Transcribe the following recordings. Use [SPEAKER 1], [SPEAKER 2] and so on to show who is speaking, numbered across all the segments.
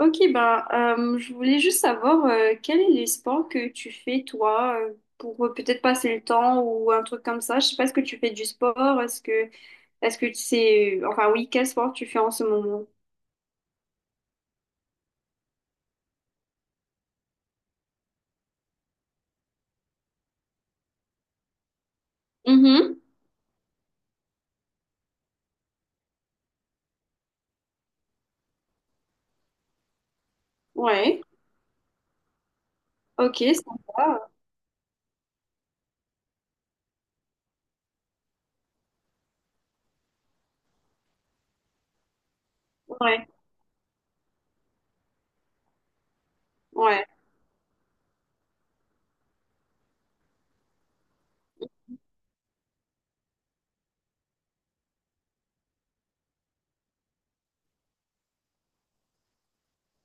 [SPEAKER 1] Ok, bah, je voulais juste savoir quel est les sports que tu fais toi pour peut-être passer le temps ou un truc comme ça. Je sais pas, est-ce que tu fais du sport? Est-ce que tu sais enfin oui, quel sport tu fais en ce moment? Mhm. Ouais. Ok, sympa. Ouais. Ouais.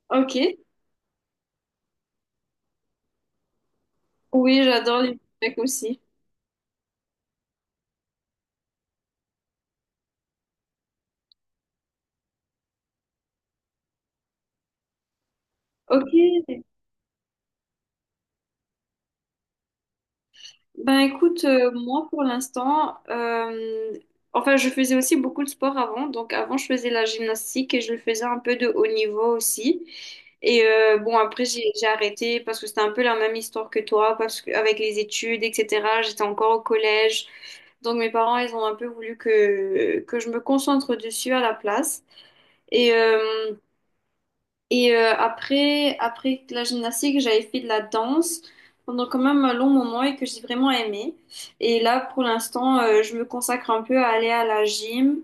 [SPEAKER 1] Ok. Oui, j'adore les mecs aussi. Ok. Ben écoute, moi pour l'instant, enfin je faisais aussi beaucoup de sport avant. Donc avant je faisais la gymnastique et je le faisais un peu de haut niveau aussi. Et bon après j'ai arrêté parce que c'était un peu la même histoire que toi, parce que avec les études, etc. J'étais encore au collège, donc mes parents ils ont un peu voulu que je me concentre dessus à la place. Et euh, après, après la gymnastique, j'avais fait de la danse pendant quand même un long moment et que j'ai vraiment aimé. Et là, pour l'instant, je me consacre un peu à aller à la gym.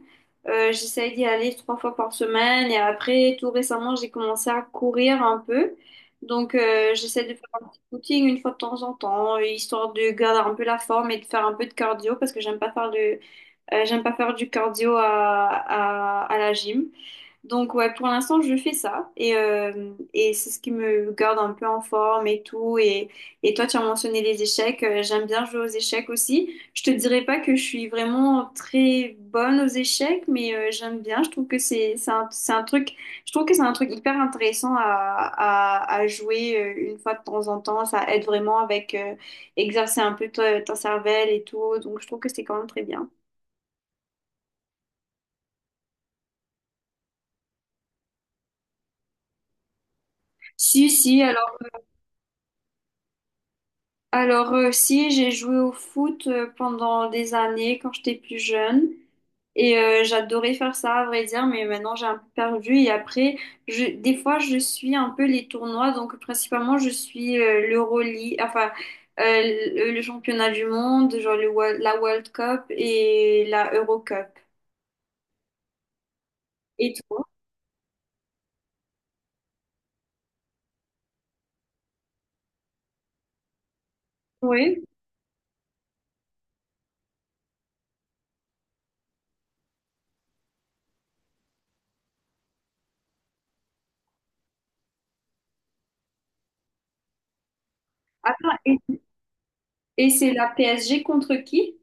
[SPEAKER 1] J'essaye d'y aller trois fois par semaine. Et après, tout récemment, j'ai commencé à courir un peu. Donc, j'essaie de faire un petit footing une fois de temps en temps, histoire de garder un peu la forme et de faire un peu de cardio parce que j'aime pas faire du cardio à la gym. Donc ouais, pour l'instant, je fais ça et c'est ce qui me garde un peu en forme et tout. Et toi, tu as mentionné les échecs. J'aime bien jouer aux échecs aussi. Je te dirais pas que je suis vraiment très bonne aux échecs, mais j'aime bien. Je trouve que c'est un truc, je trouve que c'est un truc hyper intéressant à jouer une fois de temps en temps. Ça aide vraiment avec exercer un peu ton cervelle et tout. Donc je trouve que c'est quand même très bien. Si, si, alors si, j'ai joué au foot pendant des années quand j'étais plus jeune et j'adorais faire ça à vrai dire, mais maintenant j'ai un peu perdu et après, des fois je suis un peu les tournois, donc principalement je suis l'Euroleague, le championnat du monde, genre la World Cup et la Euro Cup. Et toi? Oui. Attends, et c'est la PSG contre qui?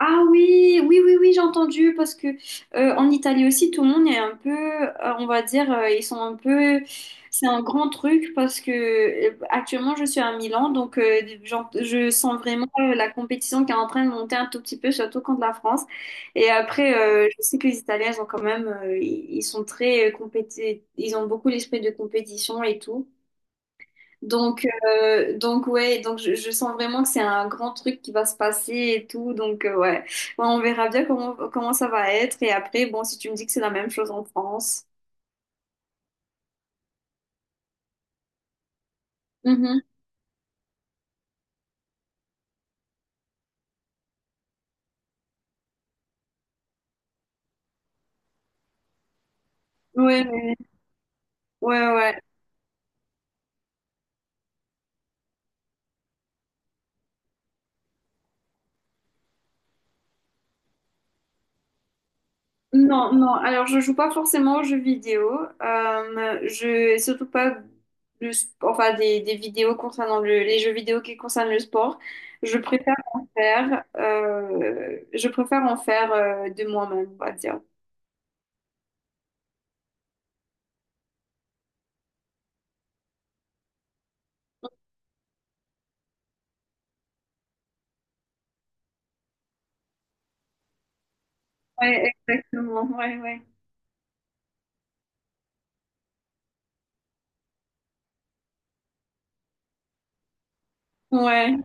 [SPEAKER 1] Ah oui, oui, oui, oui, j'ai entendu parce que en Italie aussi, tout le monde est un peu, on va dire, ils sont un peu, c'est un grand truc parce que actuellement je suis à Milan, donc je sens vraiment la compétition qui est en train de monter un tout petit peu, surtout contre la France. Et après, je sais que les Italiens ils ont quand même, ils sont très ils ont beaucoup l'esprit de compétition et tout. Donc, donc ouais, donc je sens vraiment que c'est un grand truc qui va se passer et tout. Donc, ouais. Ouais, on verra bien comment ça va être. Et après, bon, si tu me dis que c'est la même chose en France. Mhm. Ouais, ouais, ouais. Ouais. Non, non. Alors, je joue pas forcément aux jeux vidéo. Surtout pas enfin, des vidéos concernant les jeux vidéo qui concernent le sport. Je préfère en faire de moi-même, on va dire. Ouais, exactement. Ouais, ouais. Ouais.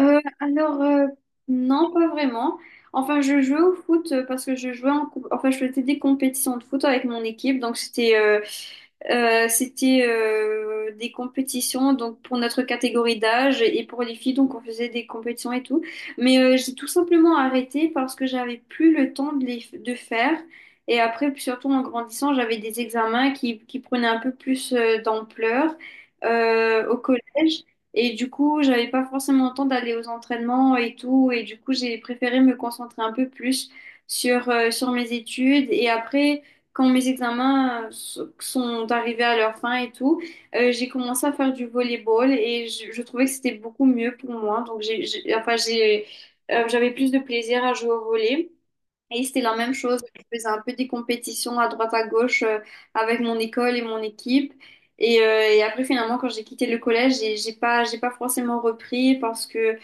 [SPEAKER 1] Euh, alors, euh, non, pas vraiment. Enfin, je jouais au foot parce que je jouais en... comp- Enfin, je faisais des compétitions de foot avec mon équipe. Donc, c'était des compétitions donc pour notre catégorie d'âge et pour les filles. Donc, on faisait des compétitions et tout. Mais j'ai tout simplement arrêté parce que j'avais plus le temps de les de faire. Et après, puis surtout en grandissant, j'avais des examens qui prenaient un peu plus d'ampleur au collège. Et du coup, j'avais pas forcément le temps d'aller aux entraînements et tout. Et du coup, j'ai préféré me concentrer un peu plus sur mes études. Et après, quand mes examens sont arrivés à leur fin et tout, j'ai commencé à faire du volleyball et je trouvais que c'était beaucoup mieux pour moi. Donc j'avais plus de plaisir à jouer au volley. Et c'était la même chose. Je faisais un peu des compétitions à droite à gauche avec mon école et mon équipe. Et après, finalement, quand j'ai quitté le collège, j'ai pas forcément repris parce que,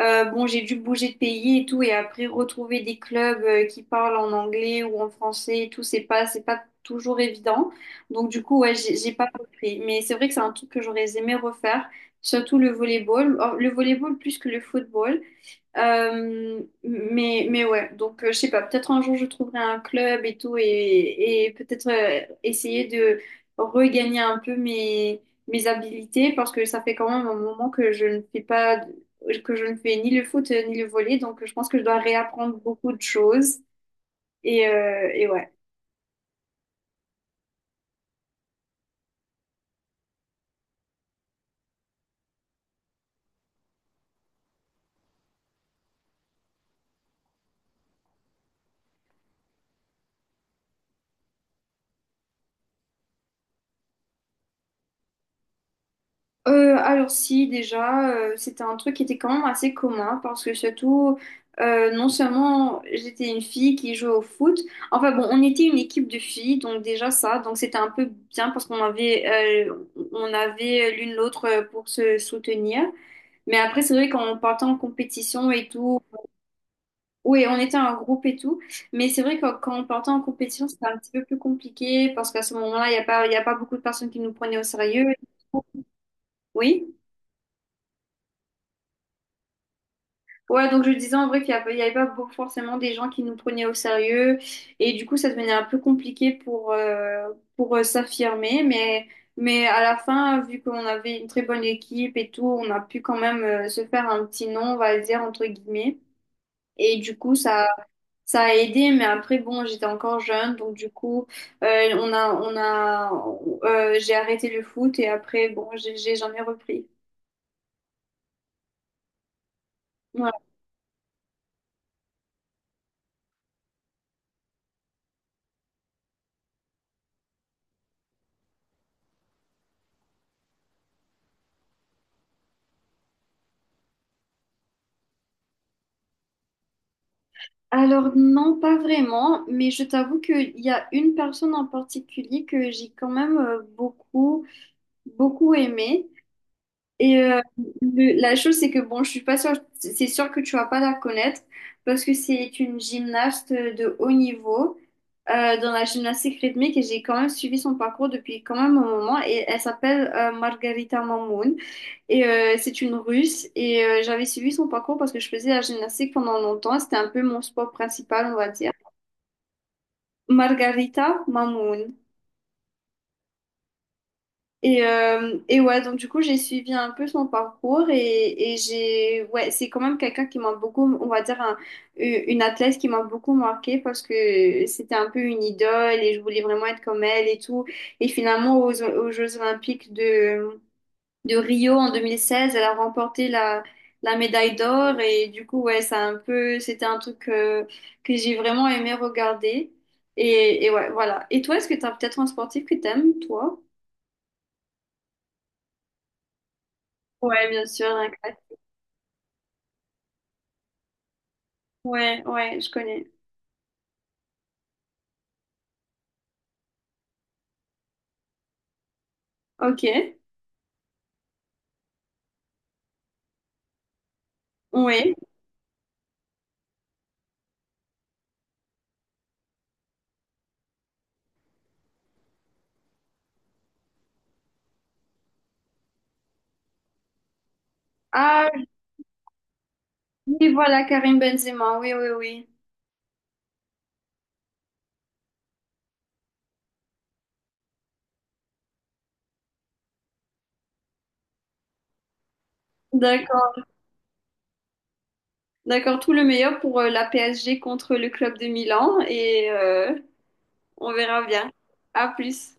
[SPEAKER 1] bon, j'ai dû bouger de pays et tout. Et après, retrouver des clubs qui parlent en anglais ou en français et tout, c'est pas toujours évident. Donc, du coup, ouais, j'ai pas repris. Mais c'est vrai que c'est un truc que j'aurais aimé refaire, surtout le volleyball. Or, le volleyball plus que le football. Mais ouais, donc je sais pas, peut-être un jour je trouverai un club et tout et peut-être essayer de regagner un peu mes habilités parce que ça fait quand même un moment que je ne fais pas, que je ne fais ni le foot ni le volley, donc je pense que je dois réapprendre beaucoup de choses et ouais. Alors si déjà c'était un truc qui était quand même assez commun parce que surtout non seulement j'étais une fille qui jouait au foot, enfin bon on était une équipe de filles donc déjà ça, donc c'était un peu bien parce qu'on avait on avait l'une l'autre pour se soutenir. Mais après c'est vrai quand on partait en compétition et tout, oui on était un groupe et tout. Mais c'est vrai que quand on partait en compétition c'était un petit peu plus compliqué parce qu'à ce moment-là il y a pas beaucoup de personnes qui nous prenaient au sérieux. Oui. Ouais, donc je disais en vrai qu'il y avait pas beaucoup- forcément des gens qui nous prenaient au sérieux et du coup ça devenait un peu compliqué pour s'affirmer, mais à la fin, vu qu'on avait une très bonne équipe et tout, on a pu quand même se faire un petit nom, on va dire, entre guillemets. Et du coup ça a aidé. Mais après bon, j'étais encore jeune donc du coup euh, on a, on a, j'ai arrêté le foot et après bon, j'en ai repris. Ouais. Alors non, pas vraiment, mais je t'avoue qu'il y a une personne en particulier que j'ai quand même beaucoup aimée. Et le- la chose, c'est que bon, je suis pas sûre, c'est sûr que tu vas pas la connaître parce que c'est une gymnaste de haut niveau dans la gymnastique rythmique et j'ai quand même suivi son parcours depuis quand même un moment et elle s'appelle Margarita Mamoun et c'est une Russe et j'avais suivi son parcours parce que je faisais la gymnastique pendant longtemps, c'était un peu mon sport principal, on va dire. Margarita Mamoun. Et ouais, donc du coup, j'ai suivi un peu son parcours et j'ai, ouais, c'est quand même quelqu'un qui m'a beaucoup, on va dire, un- une athlète qui m'a beaucoup marquée parce que c'était un peu une idole et je voulais vraiment être comme elle et tout. Et finalement, aux Jeux Olympiques de Rio en 2016, elle a remporté la médaille d'or et du coup, ouais, ça a un peu, c'était un truc que j'ai vraiment aimé regarder. Et ouais, voilà. Et toi, est-ce que t'as peut-être un sportif que t'aimes, toi? Ouais, bien sûr, un classique. Ouais, ouais, je connais. Ok, oui. Ah, oui, voilà, Karim Benzema, oui, oui, oui. D'accord, d'accord, tout le meilleur pour la PSG contre le club de Milan et on verra bien. À plus.